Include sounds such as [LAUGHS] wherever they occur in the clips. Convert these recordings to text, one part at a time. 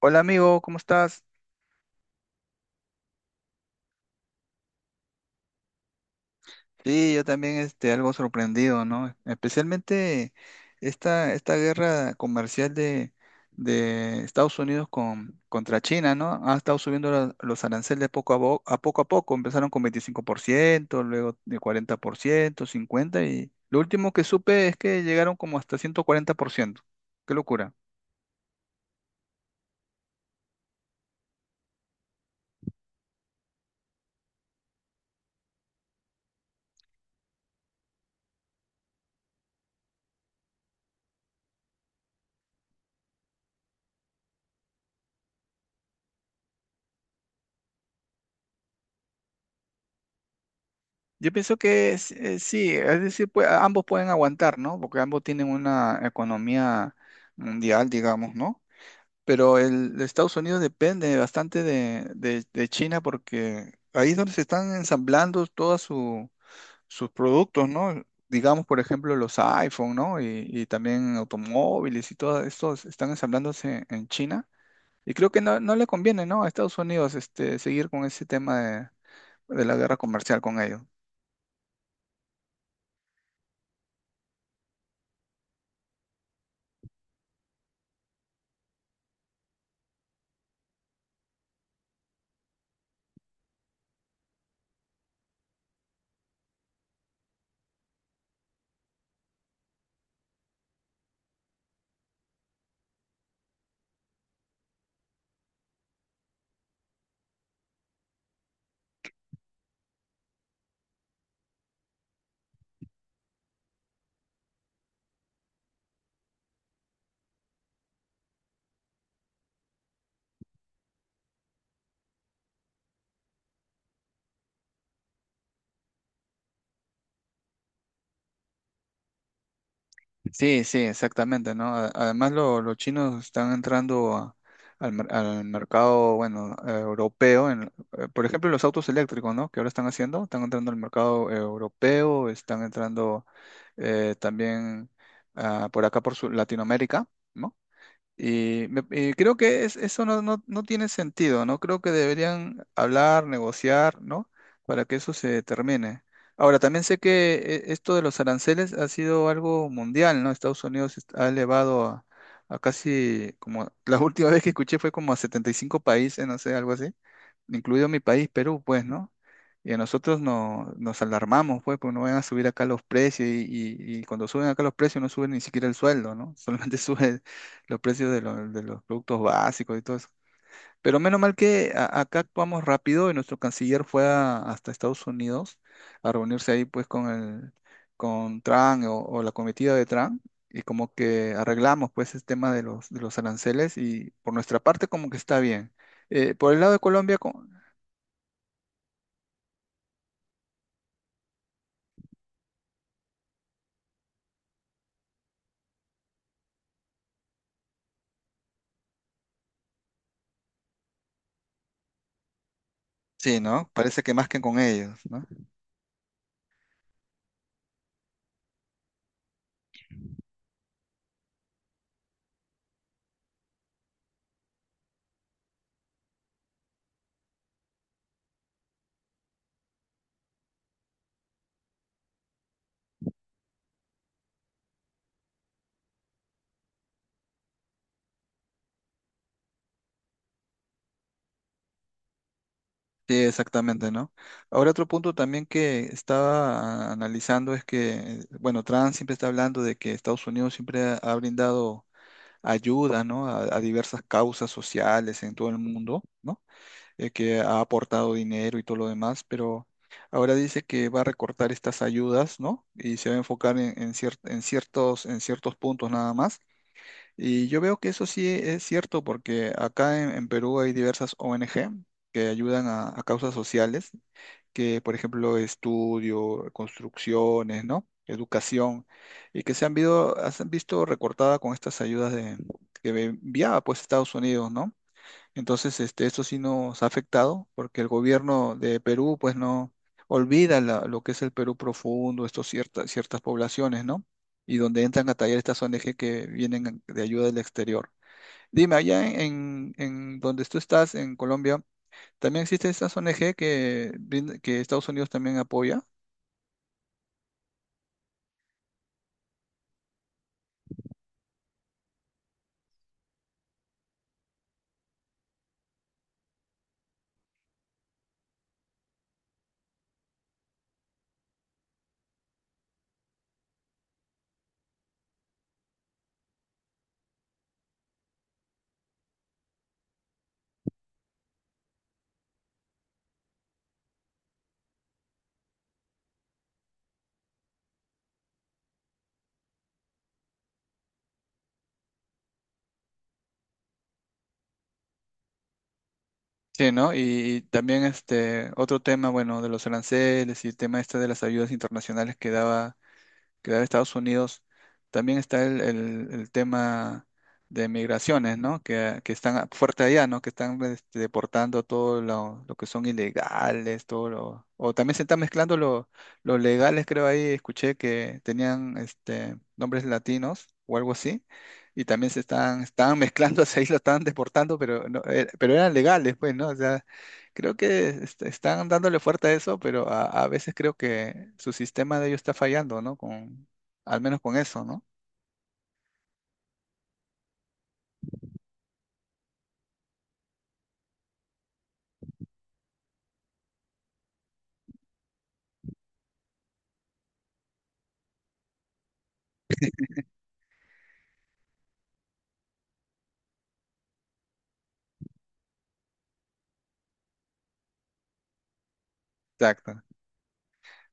Hola amigo, ¿cómo estás? Sí, yo también algo sorprendido, ¿no? Especialmente esta guerra comercial de Estados Unidos contra China, ¿no? Ha estado subiendo los aranceles poco a poco. Empezaron con 25%, luego de 40%, 50%, y lo último que supe es que llegaron como hasta 140%. Qué locura. Yo pienso que sí, es decir, pues, ambos pueden aguantar, ¿no? Porque ambos tienen una economía mundial, digamos, ¿no? Pero el de Estados Unidos depende bastante de China porque ahí es donde se están ensamblando sus productos, ¿no? Digamos, por ejemplo, los iPhone, ¿no? Y también automóviles y todo esto se están ensamblándose en China. Y creo que no le conviene, ¿no? A Estados Unidos seguir con ese tema de la guerra comercial con ellos. Sí, sí, exactamente, ¿no? Además, los chinos están entrando al mercado, bueno, europeo. Por ejemplo, los autos eléctricos, ¿no? Que ahora están haciendo, están entrando al mercado europeo, están entrando también por acá, Latinoamérica, ¿no? Y, y creo que eso no tiene sentido, ¿no? Creo que deberían hablar, negociar, ¿no? Para que eso se termine. Ahora, también sé que esto de los aranceles ha sido algo mundial, ¿no? Ha elevado a casi, como [LAUGHS] la última vez que escuché fue como a 75 países, no sé, algo así, incluido mi país, Perú, pues, ¿no? Y a nosotros no, nos alarmamos, pues, porque no van a subir acá los precios y cuando suben acá los precios no suben ni siquiera el sueldo, ¿no? Solamente [LAUGHS] sube los precios de los productos básicos y todo eso. Pero menos mal que acá actuamos rápido y nuestro canciller fue hasta Estados Unidos a reunirse ahí pues con el con Trump o la comitiva de Trump y como que arreglamos pues el tema de los aranceles y por nuestra parte como que está bien. Por el lado de Colombia, sí, ¿no? Parece que más que con ellos, ¿no? Sí, exactamente, ¿no? Ahora otro punto también que estaba analizando es que, bueno, Trump siempre está hablando de que Estados Unidos siempre ha brindado ayuda, ¿no? A diversas causas sociales en todo el mundo, ¿no? Que ha aportado dinero y todo lo demás, pero ahora dice que va a recortar estas ayudas, ¿no? Y se va a enfocar en ciertos puntos nada más y yo veo que eso sí es cierto, porque acá en Perú hay diversas ONG que ayudan a causas sociales, que por ejemplo estudio, construcciones, ¿no? Educación, y que se han visto recortada con estas ayudas de, que enviaba pues Estados Unidos, ¿no? Entonces, esto sí nos ha afectado porque el gobierno de Perú, pues no olvida lo que es el Perú profundo, estos ciertas, ciertas poblaciones, ¿no? Y donde entran a tallar estas ONG que vienen de ayuda del exterior. Dime, allá en donde tú estás, en Colombia, ¿también existen estas ONG que, que Estados Unidos también apoya? Sí, ¿no? Y también este otro tema, bueno, de los aranceles y el tema este de las ayudas internacionales que daba que da de Estados Unidos también está el tema de migraciones, ¿no? Que están fuerte allá, ¿no? Que están deportando lo que son ilegales, todo lo... O también se están mezclando los legales, creo ahí, escuché que tenían nombres latinos o algo así, y también estaban mezclando, [LAUGHS] ahí lo estaban deportando, pero, no, pero eran legales, pues, ¿no? O sea, creo que están dándole fuerte a eso, pero a veces creo que su sistema de ellos está fallando, ¿no? Con, al menos con eso, ¿no? Exacto.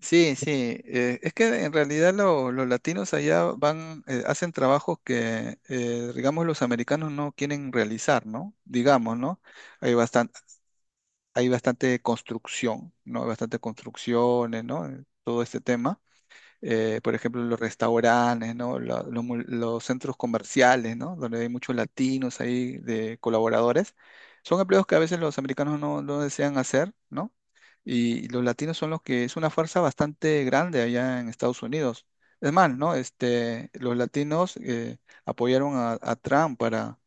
Sí, sí. Es que en realidad los latinos allá van, hacen trabajos que, digamos, los americanos no quieren realizar, ¿no? Digamos, ¿no? Hay bastante, hay bastante construcción, ¿no? Hay bastante construcciones, ¿no? Todo este tema. Por ejemplo, los restaurantes, ¿no? Los centros comerciales, ¿no? Donde hay muchos latinos ahí de colaboradores. Son empleos que a veces los americanos no desean hacer, ¿no? Y los latinos son los que es una fuerza bastante grande allá en Estados Unidos. Es más, ¿no? Los latinos apoyaron a Trump para,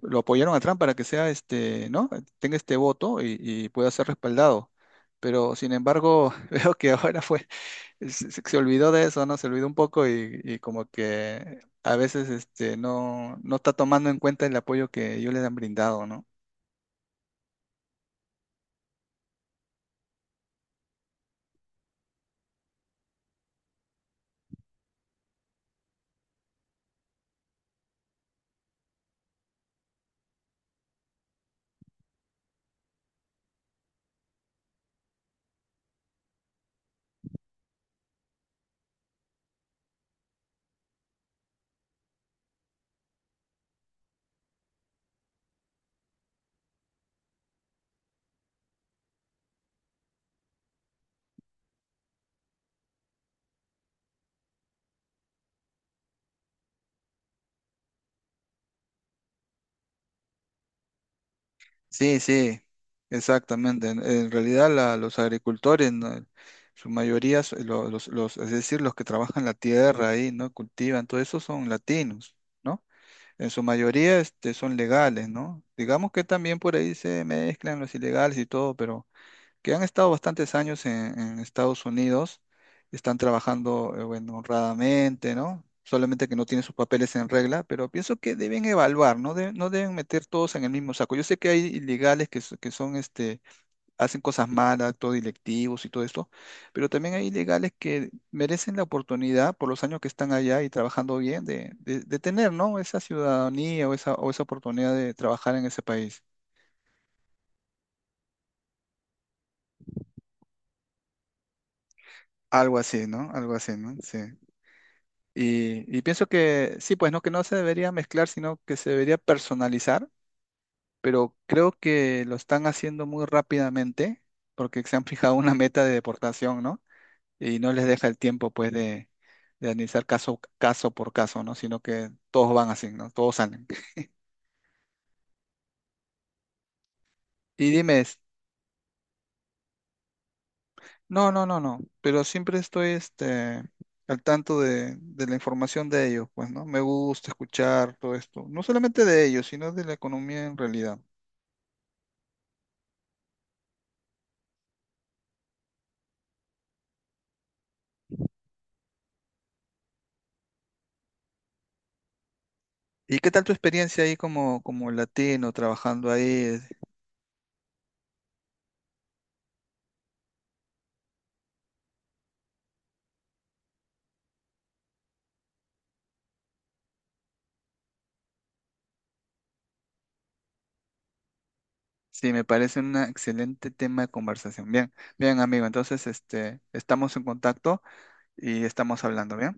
lo apoyaron a Trump para que sea ¿no? Tenga este voto y pueda ser respaldado. Pero sin embargo, [LAUGHS] veo que ahora fue se olvidó de eso, ¿no? Se olvidó un poco y como que a veces no, no está tomando en cuenta el apoyo que ellos les han brindado, ¿no? Sí, sí, exactamente. En realidad los agricultores, ¿no? Su mayoría, es decir, los que trabajan la tierra ahí, ¿no? Cultivan, todo eso son latinos, ¿no? En su mayoría, son legales, ¿no? Digamos que también por ahí se mezclan los ilegales y todo, pero que han estado bastantes años en Estados Unidos, están trabajando, bueno, honradamente, ¿no? Solamente que no tienen sus papeles en regla, pero pienso que deben evaluar, no, no deben meter todos en el mismo saco. Yo sé que hay ilegales que, que son, hacen cosas malas, todo directivos y todo esto, pero también hay ilegales que merecen la oportunidad por los años que están allá y trabajando bien de tener, ¿no? Esa ciudadanía o esa oportunidad de trabajar en ese país. Algo así, ¿no? Algo así, ¿no? Sí. Y pienso que sí, pues no, que no se debería mezclar, sino que se debería personalizar, pero creo que lo están haciendo muy rápidamente porque se han fijado una meta de deportación, ¿no? Y no les deja el tiempo, pues, de analizar caso, caso por caso, ¿no? Sino que todos van así, ¿no? Todos salen. Y dime, no, no, no, no, pero siempre estoy, al tanto de la información de ellos, pues, ¿no? Me gusta escuchar todo esto, no solamente de ellos, sino de la economía en realidad. ¿Y qué tal tu experiencia ahí como, como latino trabajando ahí? Sí, me parece un excelente tema de conversación. Bien, bien, amigo. Entonces, estamos en contacto y estamos hablando, ¿bien?